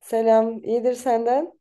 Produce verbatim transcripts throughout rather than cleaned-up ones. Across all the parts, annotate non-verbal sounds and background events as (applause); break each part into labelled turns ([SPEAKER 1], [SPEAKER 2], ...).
[SPEAKER 1] Selam, iyidir senden.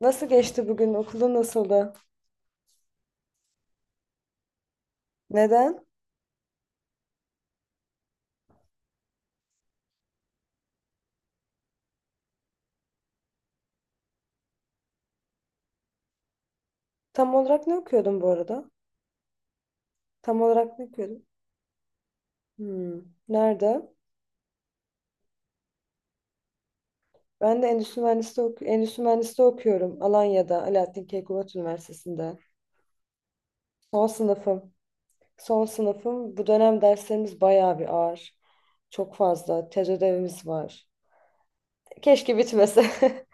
[SPEAKER 1] Nasıl geçti bugün? Okulda nasıldı? Neden? Tam olarak ne okuyordun bu arada? Tam olarak ne okuyordun? Hmm. Nerede? Ben de endüstri mühendisliği, oku- endüstri mühendisliği okuyorum. Alanya'da, Alaaddin Keykubat Üniversitesi'nde. Son sınıfım. Son sınıfım. Bu dönem derslerimiz bayağı bir ağır. Çok fazla. Tez ödevimiz var. Keşke bitmese. (laughs)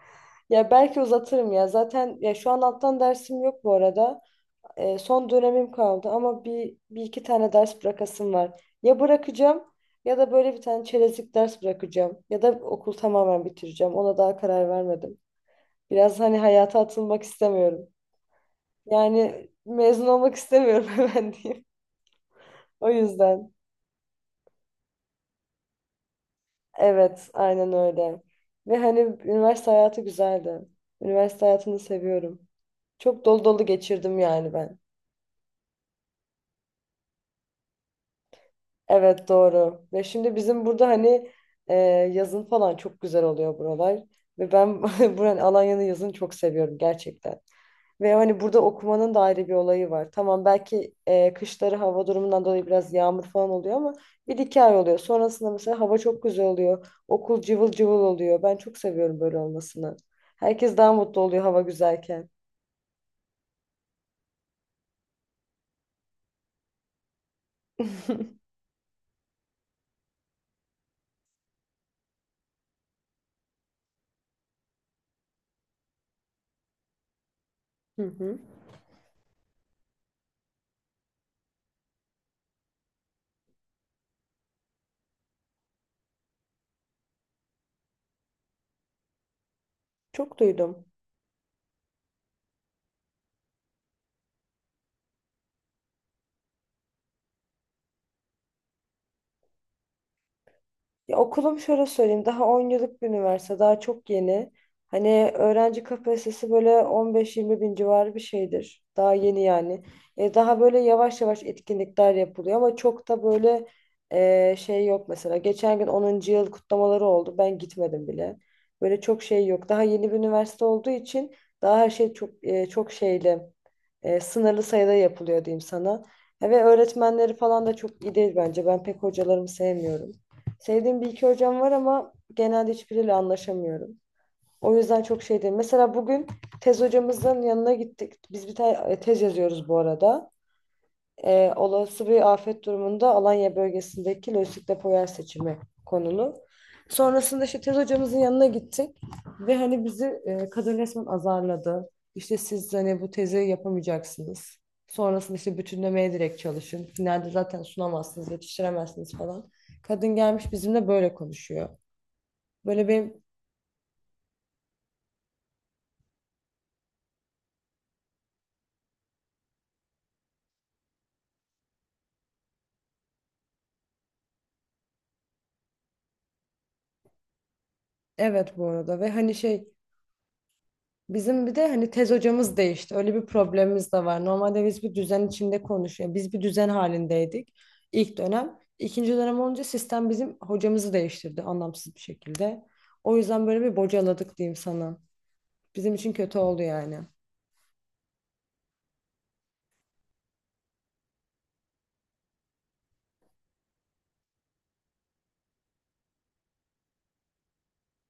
[SPEAKER 1] Ya belki uzatırım ya. Zaten ya şu an alttan dersim yok bu arada. E, son dönemim kaldı ama bir, bir iki tane ders bırakasım var. Ya bırakacağım ya da böyle bir tane çerezlik ders bırakacağım. Ya da okul tamamen bitireceğim. Ona daha karar vermedim. Biraz hani hayata atılmak istemiyorum. Yani mezun olmak istemiyorum (laughs) hemen diyeyim. O yüzden. Evet, aynen öyle. Ve hani üniversite hayatı güzeldi. Üniversite hayatını seviyorum. Çok dolu dolu geçirdim yani ben. Evet doğru. Ve şimdi bizim burada hani e, yazın falan çok güzel oluyor buralar. Ve ben (laughs) buranın Alanya'nın yazını çok seviyorum gerçekten. Ve hani burada okumanın da ayrı bir olayı var. Tamam belki e, kışları hava durumundan dolayı biraz yağmur falan oluyor ama bir iki ay oluyor. Sonrasında mesela hava çok güzel oluyor. Okul cıvıl cıvıl oluyor. Ben çok seviyorum böyle olmasını. Herkes daha mutlu oluyor hava güzelken. (laughs) Hı hı. Çok duydum. Ya okulum şöyle söyleyeyim daha on yıllık bir üniversite daha çok yeni. Hani öğrenci kapasitesi böyle on beş yirmi bin civarı bir şeydir. Daha yeni yani. E, daha böyle yavaş yavaş etkinlikler yapılıyor ama çok da böyle e, şey yok mesela. Geçen gün onuncu yıl kutlamaları oldu. Ben gitmedim bile. Böyle çok şey yok. Daha yeni bir üniversite olduğu için daha her şey çok e, çok şeyli e, sınırlı sayıda yapılıyor diyeyim sana. E, ve öğretmenleri falan da çok iyi değil bence. Ben pek hocalarımı sevmiyorum. Sevdiğim bir iki hocam var ama genelde hiçbiriyle anlaşamıyorum. O yüzden çok şey değil. Mesela bugün tez hocamızın yanına gittik. Biz bir tane e, tez yazıyoruz bu arada, e, olası bir afet durumunda Alanya bölgesindeki lojistik depo yer seçimi konulu. Sonrasında işte tez hocamızın yanına gittik ve hani bizi e, kadın resmen azarladı. İşte siz hani bu tezi yapamayacaksınız. Sonrasında işte bütünlemeye direkt çalışın. Finalde zaten sunamazsınız, yetiştiremezsiniz falan. Kadın gelmiş bizimle böyle konuşuyor. Böyle benim evet, bu arada, ve hani şey, bizim bir de hani tez hocamız değişti. Öyle bir problemimiz de var. Normalde biz bir düzen içinde konuşuyoruz. Biz bir düzen halindeydik ilk dönem. İkinci dönem olunca sistem bizim hocamızı değiştirdi anlamsız bir şekilde. O yüzden böyle bir bocaladık diyeyim sana. Bizim için kötü oldu yani.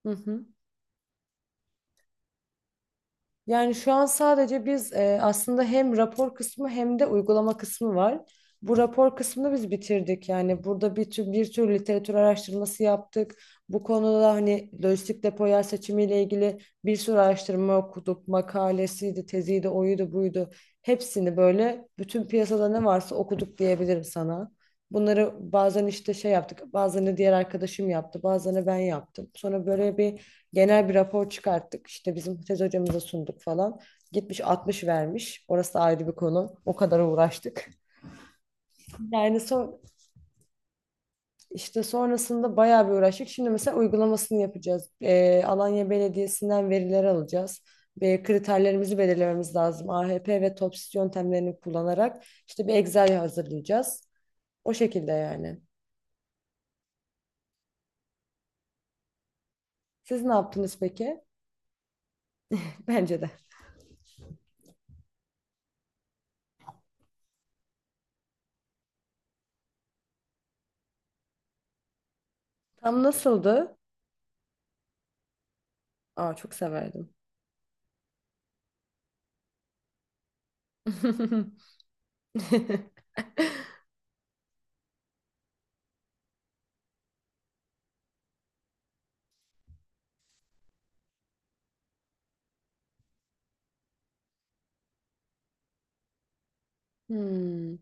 [SPEAKER 1] Hı hı. Yani şu an sadece biz e, aslında hem rapor kısmı hem de uygulama kısmı var. Bu rapor kısmını biz bitirdik. Yani burada bir tür bir tür literatür araştırması yaptık. Bu konuda hani lojistik depo yer seçimiyle ilgili bir sürü araştırma okuduk. Makalesiydi, teziydi, oydu, buydu. Hepsini böyle bütün piyasada ne varsa okuduk diyebilirim sana. Bunları bazen işte şey yaptık, bazen de diğer arkadaşım yaptı, bazen de ben yaptım. Sonra böyle bir genel bir rapor çıkarttık. İşte bizim tez hocamıza sunduk falan. Gitmiş altmış vermiş. Orası da ayrı bir konu. O kadar uğraştık. Yani son, işte sonrasında bayağı bir uğraştık. Şimdi mesela uygulamasını yapacağız. Ee, Alanya Belediyesi'nden veriler alacağız. Ve kriterlerimizi belirlememiz lazım. A H P ve TOPSIS yöntemlerini kullanarak işte bir Excel hazırlayacağız. O şekilde yani. Siz ne yaptınız peki? (laughs) Bence de. Tam nasıldı? Aa, çok severdim. (laughs) Hmm.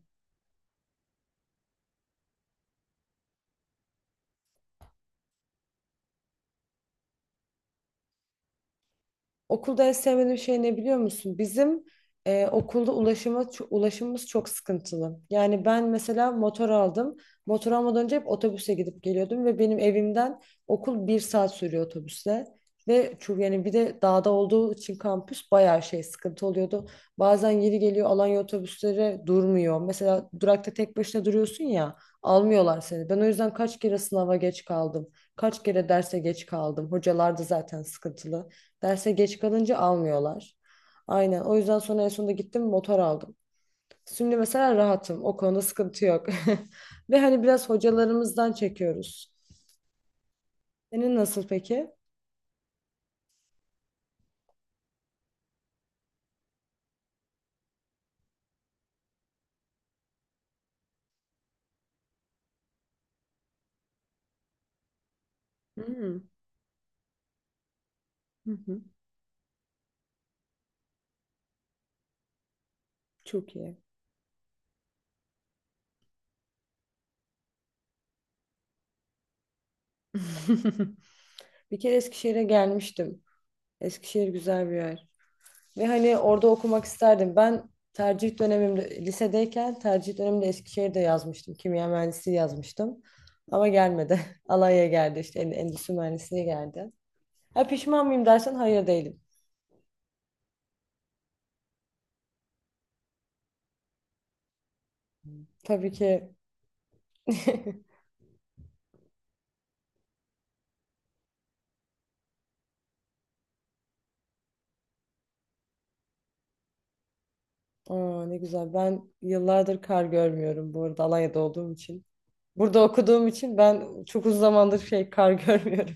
[SPEAKER 1] Okulda en sevmediğim şey ne biliyor musun? Bizim e, okulda ulaşıma, ço- ulaşımımız çok sıkıntılı. Yani ben mesela motor aldım. Motor almadan önce hep otobüse gidip geliyordum ve benim evimden okul bir saat sürüyor otobüsle. Ve çünkü yani bir de dağda olduğu için kampüs bayağı şey sıkıntı oluyordu. Bazen yeri geliyor Alanya otobüsleri durmuyor. Mesela durakta tek başına duruyorsun ya almıyorlar seni. Ben o yüzden kaç kere sınava geç kaldım. Kaç kere derse geç kaldım. Hocalar da zaten sıkıntılı. Derse geç kalınca almıyorlar. Aynen. O yüzden sonra en sonunda gittim motor aldım. Şimdi mesela rahatım. O konuda sıkıntı yok. (laughs) Ve hani biraz hocalarımızdan çekiyoruz. Senin nasıl peki? Hmm. Hı hı. Çok iyi. (laughs) Bir kere Eskişehir'e gelmiştim. Eskişehir güzel bir yer. Ve hani orada okumak isterdim. Ben tercih dönemimde, lisedeyken tercih döneminde Eskişehir'de yazmıştım. Kimya mühendisliği yazmıştım. Ama gelmedi. (laughs) Alanya'ya geldi işte en- endüstri mühendisliği geldi. Ha, pişman mıyım dersen hayır değilim. Tabii ki. (laughs) Aa, ne güzel. Ben yıllardır kar görmüyorum bu arada Alanya'da olduğum için. Burada okuduğum için ben çok uzun zamandır şey kar (laughs) görmüyorum.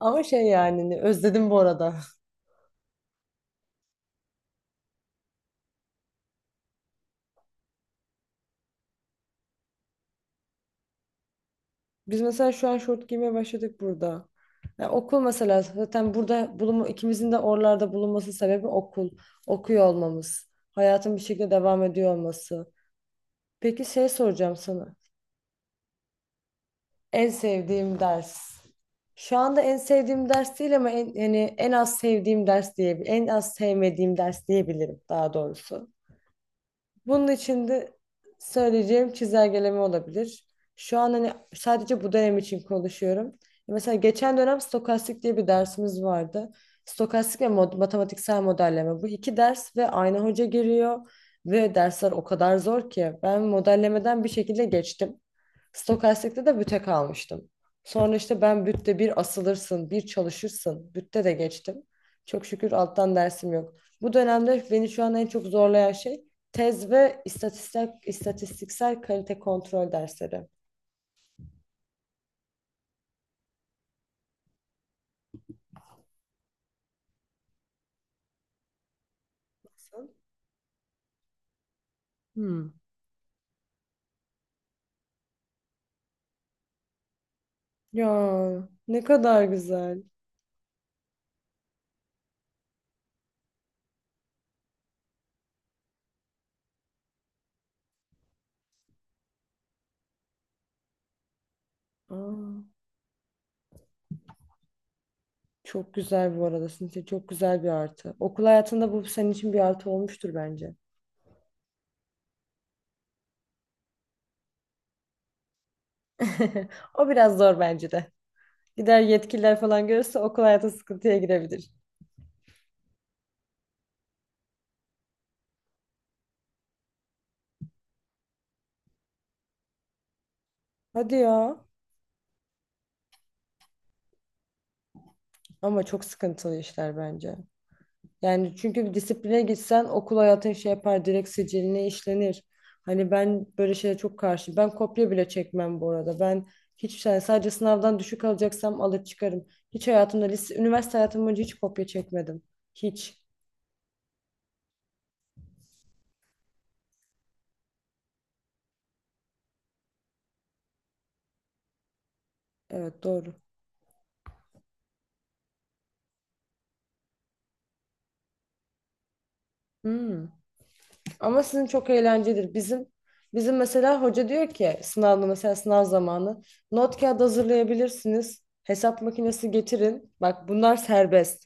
[SPEAKER 1] Ama şey yani ne- özledim bu arada. (laughs) Biz mesela şu an şort giymeye başladık burada. Ya okul mesela zaten burada bulunma, ikimizin de oralarda bulunması sebebi okul. Okuyor olmamız. Hayatın bir şekilde devam ediyor olması. Peki şey soracağım sana. En sevdiğim ders. Şu anda en sevdiğim ders değil ama en, yani en az sevdiğim ders diye, en az sevmediğim ders diyebilirim daha doğrusu. Bunun için de söyleyeceğim çizelgeleme olabilir. Şu an hani sadece bu dönem için konuşuyorum. E, Mesela geçen dönem stokastik diye bir dersimiz vardı. Stokastik ve mod- matematiksel modelleme. Bu iki ders ve aynı hoca giriyor. Ve dersler o kadar zor ki ben modellemeden bir şekilde geçtim. Stokastikte de büte kalmıştım. Sonra işte ben bütte bir asılırsın, bir çalışırsın. Bütte de geçtim. Çok şükür alttan dersim yok. Bu dönemde beni şu an en çok zorlayan şey tez ve istatistik, istatistiksel kalite kontrol dersleri. Hmm. Ya ne kadar güzel. Aa, çok güzel bu arada Sinsi. Çok güzel bir artı. Okul hayatında bu senin için bir artı olmuştur bence. (laughs) O biraz zor bence de. Gider yetkililer falan görürse okul hayatı sıkıntıya girebilir. Hadi ya. Ama çok sıkıntılı işler bence. Yani çünkü bir disipline gitsen okul hayatın şey yapar direkt siciline işlenir. Hani ben böyle şeye çok karşı. Ben kopya bile çekmem bu arada. Ben hiç yani sadece sınavdan düşük alacaksam alıp çıkarım. Hiç hayatımda lise, üniversite hayatım boyunca hiç kopya çekmedim. Hiç. Evet doğru. Hmm. Ama sizin çok eğlencelidir. Bizim bizim mesela hoca diyor ki sınavda mesela sınav zamanı not kağıdı hazırlayabilirsiniz. Hesap makinesi getirin. Bak bunlar serbest.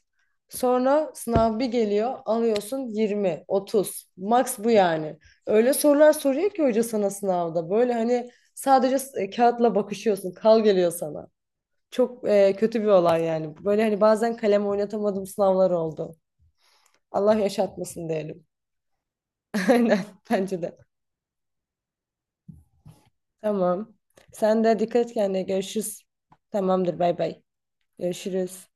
[SPEAKER 1] Sonra sınav bir geliyor alıyorsun yirmi, otuz. Max bu yani. Öyle sorular soruyor ki hoca sana sınavda. Böyle hani sadece s- e, kağıtla bakışıyorsun. Kal geliyor sana. Çok e, kötü bir olay yani. Böyle hani bazen kalem oynatamadığım sınavlar oldu. Allah yaşatmasın diyelim. (laughs) Aynen bence de. Tamam. Sen de dikkat et kendine. Görüşürüz. Tamamdır. Bay bay. Görüşürüz.